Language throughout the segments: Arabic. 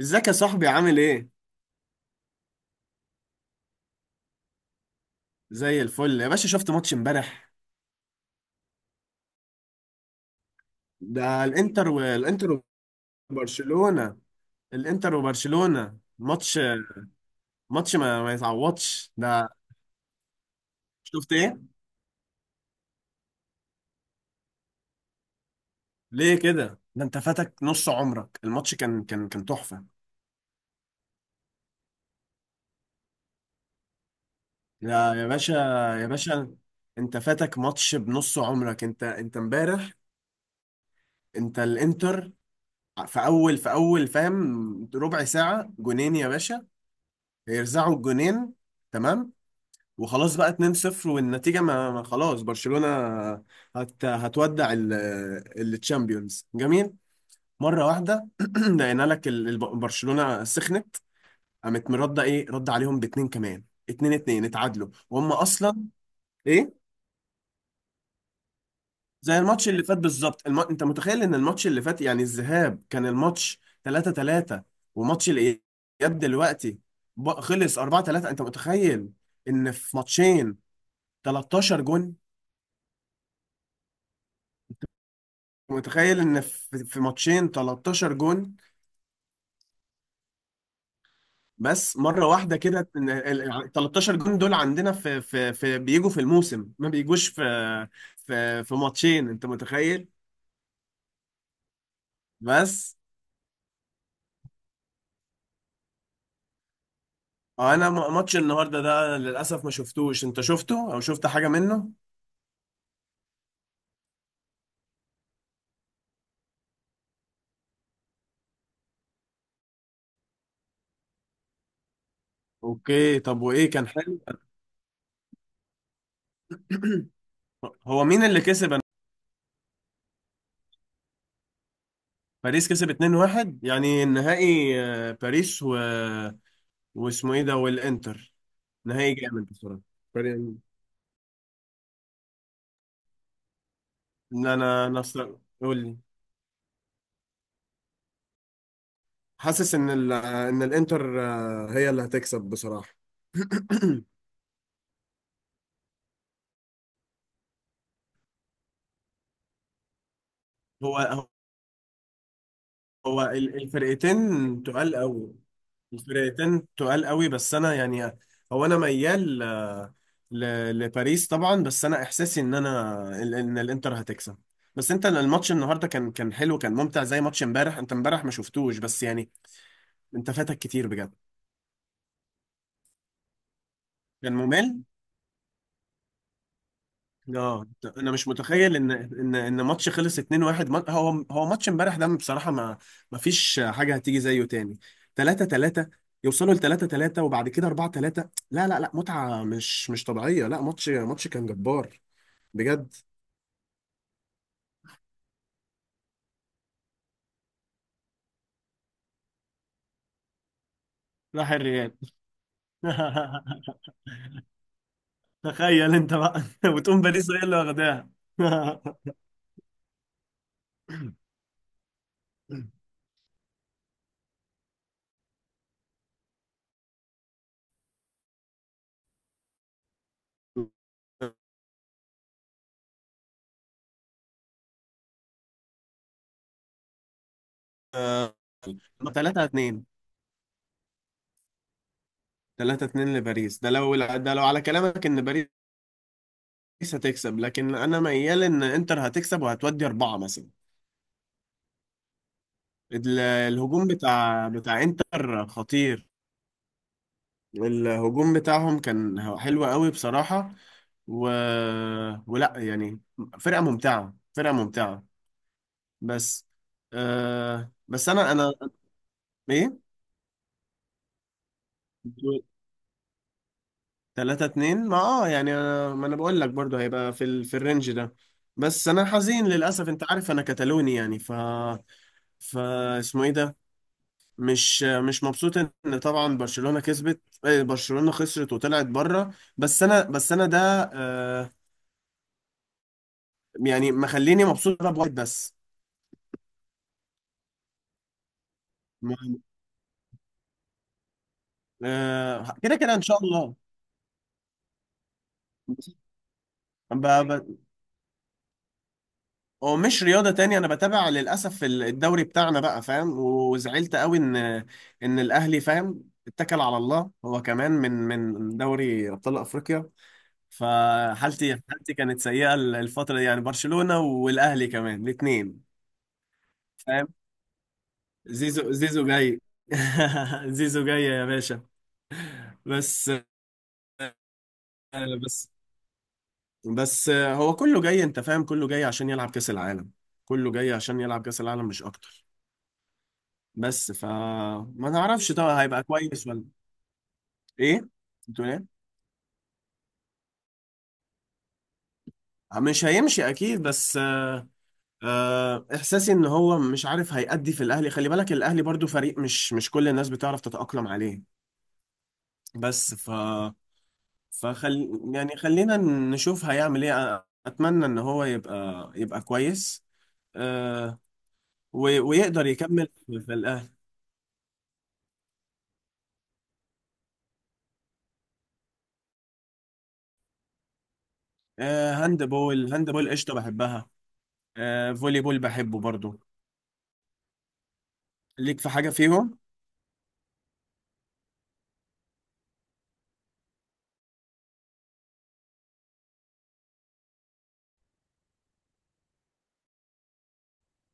ازيك يا صاحبي عامل ايه؟ زي الفل يا باشا، شفت ماتش امبارح؟ ده الانتر وبرشلونة. الانتر وبرشلونة ماتش ما يتعوضش ده. شفت ايه؟ ليه كده؟ ده انت فاتك نص عمرك، الماتش كان تحفة. يا باشا، يا باشا، انت فاتك ماتش بنص عمرك، انت امبارح. انت الانتر، في اول فاهم، ربع ساعة جونين يا باشا، هيرزعوا الجونين، تمام. وخلاص بقى 2-0، والنتيجة ما خلاص، برشلونة هتودع التشامبيونز. جميل، مرة واحدة لقينا لك برشلونة سخنت، قامت مرده، ايه، رد عليهم باتنين كمان، اتنين اتنين اتعادلوا، وهم اصلا، ايه، زي الماتش اللي فات بالظبط، انت متخيل ان الماتش اللي فات، يعني الذهاب، كان الماتش 3-3، وماتش الاياب دلوقتي خلص 4-3. انت متخيل ان في ماتشين 13 جون، متخيل ان في ماتشين 13 جون. بس مره واحده كده إن 13 جون دول عندنا في بيجوا في الموسم، ما بيجوش في في ماتشين، انت متخيل. بس انا ماتش النهارده ده للاسف ما شفتوش، انت شفته او شفت حاجه منه؟ اوكي، طب وايه، كان حلو؟ هو مين اللي كسب؟ باريس كسب 2-1، يعني النهائي، باريس و... واسمه ايه ده، والانتر، نهائي جامد بصراحه. ان انا انا أصلاً- قول لي، حاسس ان الانتر، هي اللي هتكسب بصراحة. هو هو الفرقتين تقال قوي، الفرقتين تقال قوي، بس انا يعني، هو انا ميال، لباريس طبعا. بس انا احساسي ان ان الانتر هتكسب. بس انت الماتش النهارده كان حلو، كان ممتع، زي ماتش امبارح، انت امبارح ما شفتوش بس يعني انت فاتك كتير بجد، كان ممل اه. انا مش متخيل ان ان ماتش خلص 2-1. هو ماتش امبارح ده بصراحه، ما فيش حاجه هتيجي زيه تاني. 3-3 يوصلوا ل 3-3، وبعد كده 4-3، لا لا لا، متعه مش طبيعيه، لا، ماتش كان جبار بجد. راح الريال. تخيل انت بقى، وتقوم باريس هي اللي واخداها. 3-2، 3-2 لباريس، ده لو على كلامك ان باريس، باريس هتكسب، لكن انا ميال ان انتر هتكسب وهتودي اربعة مثلا. الهجوم بتاع انتر خطير، الهجوم بتاعهم كان حلو قوي بصراحة، و... ولا يعني، فرقة ممتعة، فرقة ممتعة. بس بس انا ايه، 3-2، ما يعني، أنا ما انا بقول لك برضو هيبقى في في الرينج ده. بس انا حزين للاسف، انت عارف انا كتالوني يعني ف، ف اسمه ايه ده، مش مبسوط ان طبعا برشلونة كسبت، برشلونة خسرت وطلعت بره. بس انا ده، آه، يعني مخليني مبسوط بواحد بس. م- كده ان شاء الله. ب... ب... هو مش رياضة تانية، أنا بتابع للأسف الدوري بتاعنا بقى فاهم، وزعلت قوي إن الأهلي فاهم اتكل على الله، هو كمان من دوري أبطال أفريقيا. فحالتي كانت سيئة، الفترة دي يعني برشلونة والأهلي كمان الاتنين. زيزو جاي، زيزو جاي يا باشا. بس بس بس هو كله جاي، انت فاهم، كله جاي عشان يلعب كأس العالم، كله جاي عشان يلعب كأس العالم مش اكتر. بس ف، ما نعرفش طبعا هيبقى كويس ولا ايه، بتقول ايه؟ مش هيمشي اكيد، بس احساسي ان هو مش عارف هيأدي في الاهلي. خلي بالك الاهلي برضو فريق، مش كل الناس بتعرف تتأقلم عليه. بس ف، فخل يعني خلينا نشوف هيعمل ايه، اتمنى ان هو يبقى كويس، آه، ويقدر يكمل في الاهلي. آه، هاند بول، هاند بول قشطه بحبها. آه، فولي بول بحبه برضو. ليك في حاجه فيهم؟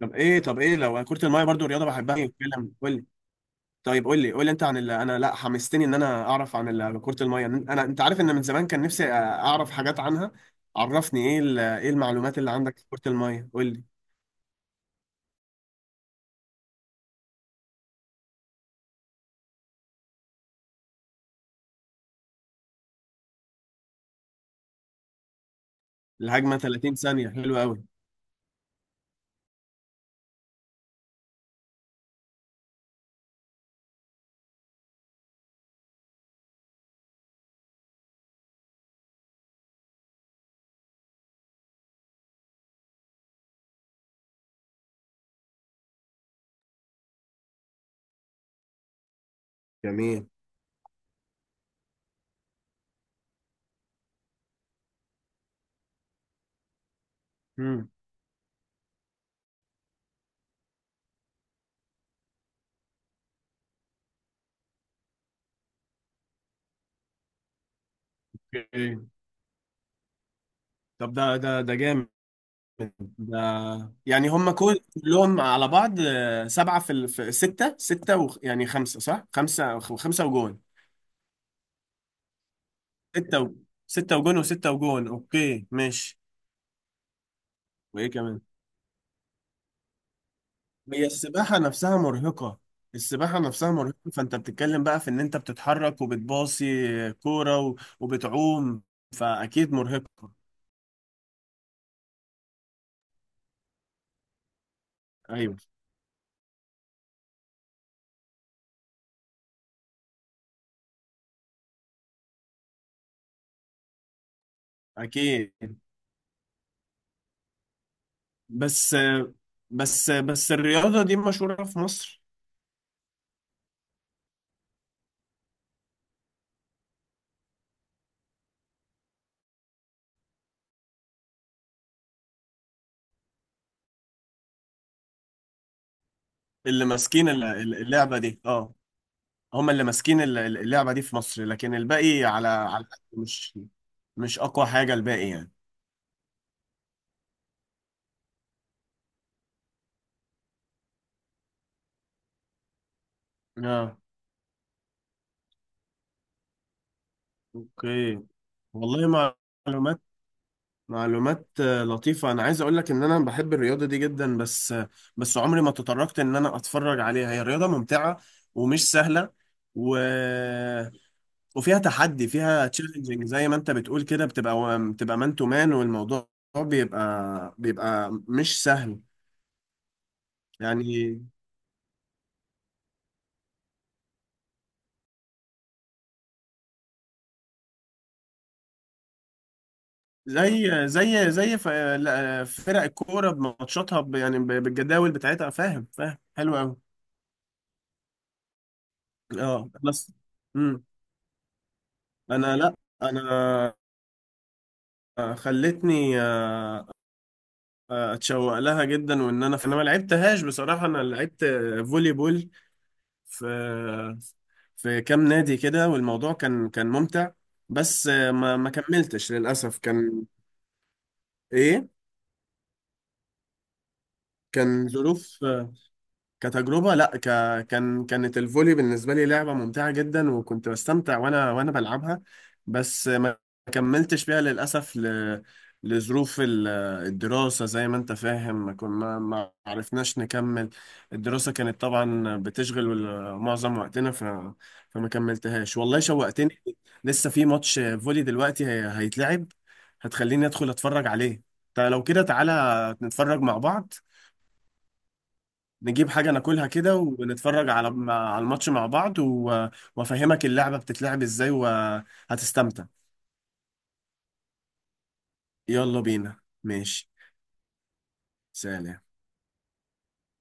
طب ايه لو كره الميه برضو، رياضه بحبها، يتكلم قول لي. طيب، قول لي انت عن اللي انا، لا حمستني ان انا اعرف عن كره الميه، انا انت عارف ان من زمان كان نفسي اعرف حاجات عنها. عرفني، ايه ايه المعلومات اللي عندك في كره الميه، قول لي. الهجمه 30 ثانيه، حلوه قوي، جميل. امم اوكي، طب ده ده جامد، ده يعني هم كلهم على بعض، آه، سبعة في في ستة، ستة و... يعني خمسة صح؟ خمسة، خمسة وجون. ستة و... ستة وجون، وستة وجون، اوكي ماشي. وايه كمان؟ هي السباحة نفسها مرهقة، السباحة نفسها مرهقة، فانت بتتكلم بقى في ان انت بتتحرك وبتباصي كورة، و... وبتعوم، فاكيد مرهقة. ايوه اكيد. بس بس الرياضة دي مشهورة في مصر، اللي ماسكين اللعبة دي اه، هم اللي ماسكين اللعبة دي في مصر، لكن الباقي على مش مش أقوى حاجة، الباقي يعني اه، اوكي. والله، معلومات، معلومات، لطيفة. أنا عايز أقول لك إن أنا بحب الرياضة دي جدا، بس بس عمري ما تطرقت إن أنا أتفرج عليها، هي رياضة ممتعة ومش سهلة، و... وفيها تحدي، فيها تشالنجينج، زي ما انت بتقول كده، بتبقى مان تو مان، والموضوع بيبقى مش سهل يعني. زي زي زي ف- لا، فرق الكوره بماتشاتها يعني بالجداول بتاعتها، فاهم، فاهم، حلو قوي اه. بس، امم انا لا، انا خلتني، اتشوق لها جدا، وان انا ما لعبتهاش بصراحه. انا لعبت فولي بول في في كام نادي كده، والموضوع كان ممتع، بس ما كملتش للأسف. كان، إيه، كان ظروف. كتجربة لا، كان، كانت الفولي بالنسبة لي لعبة ممتعة جدا، وكنت بستمتع وانا بلعبها. بس ما كملتش فيها للأسف، لظروف الدراسة، زي ما انت فاهم، ما عرفناش نكمل. الدراسة كانت طبعا بتشغل معظم وقتنا، فما كملتهاش والله. شوقتني، لسه في ماتش فولي دلوقتي هيتلعب، هتخليني ادخل اتفرج عليه. طيب لو كده، تعالى نتفرج مع بعض، نجيب حاجة ناكلها كده، ونتفرج على الماتش مع بعض، وافهمك اللعبة بتتلعب ازاي، وهتستمتع. يلا بينا ماشي. سلام.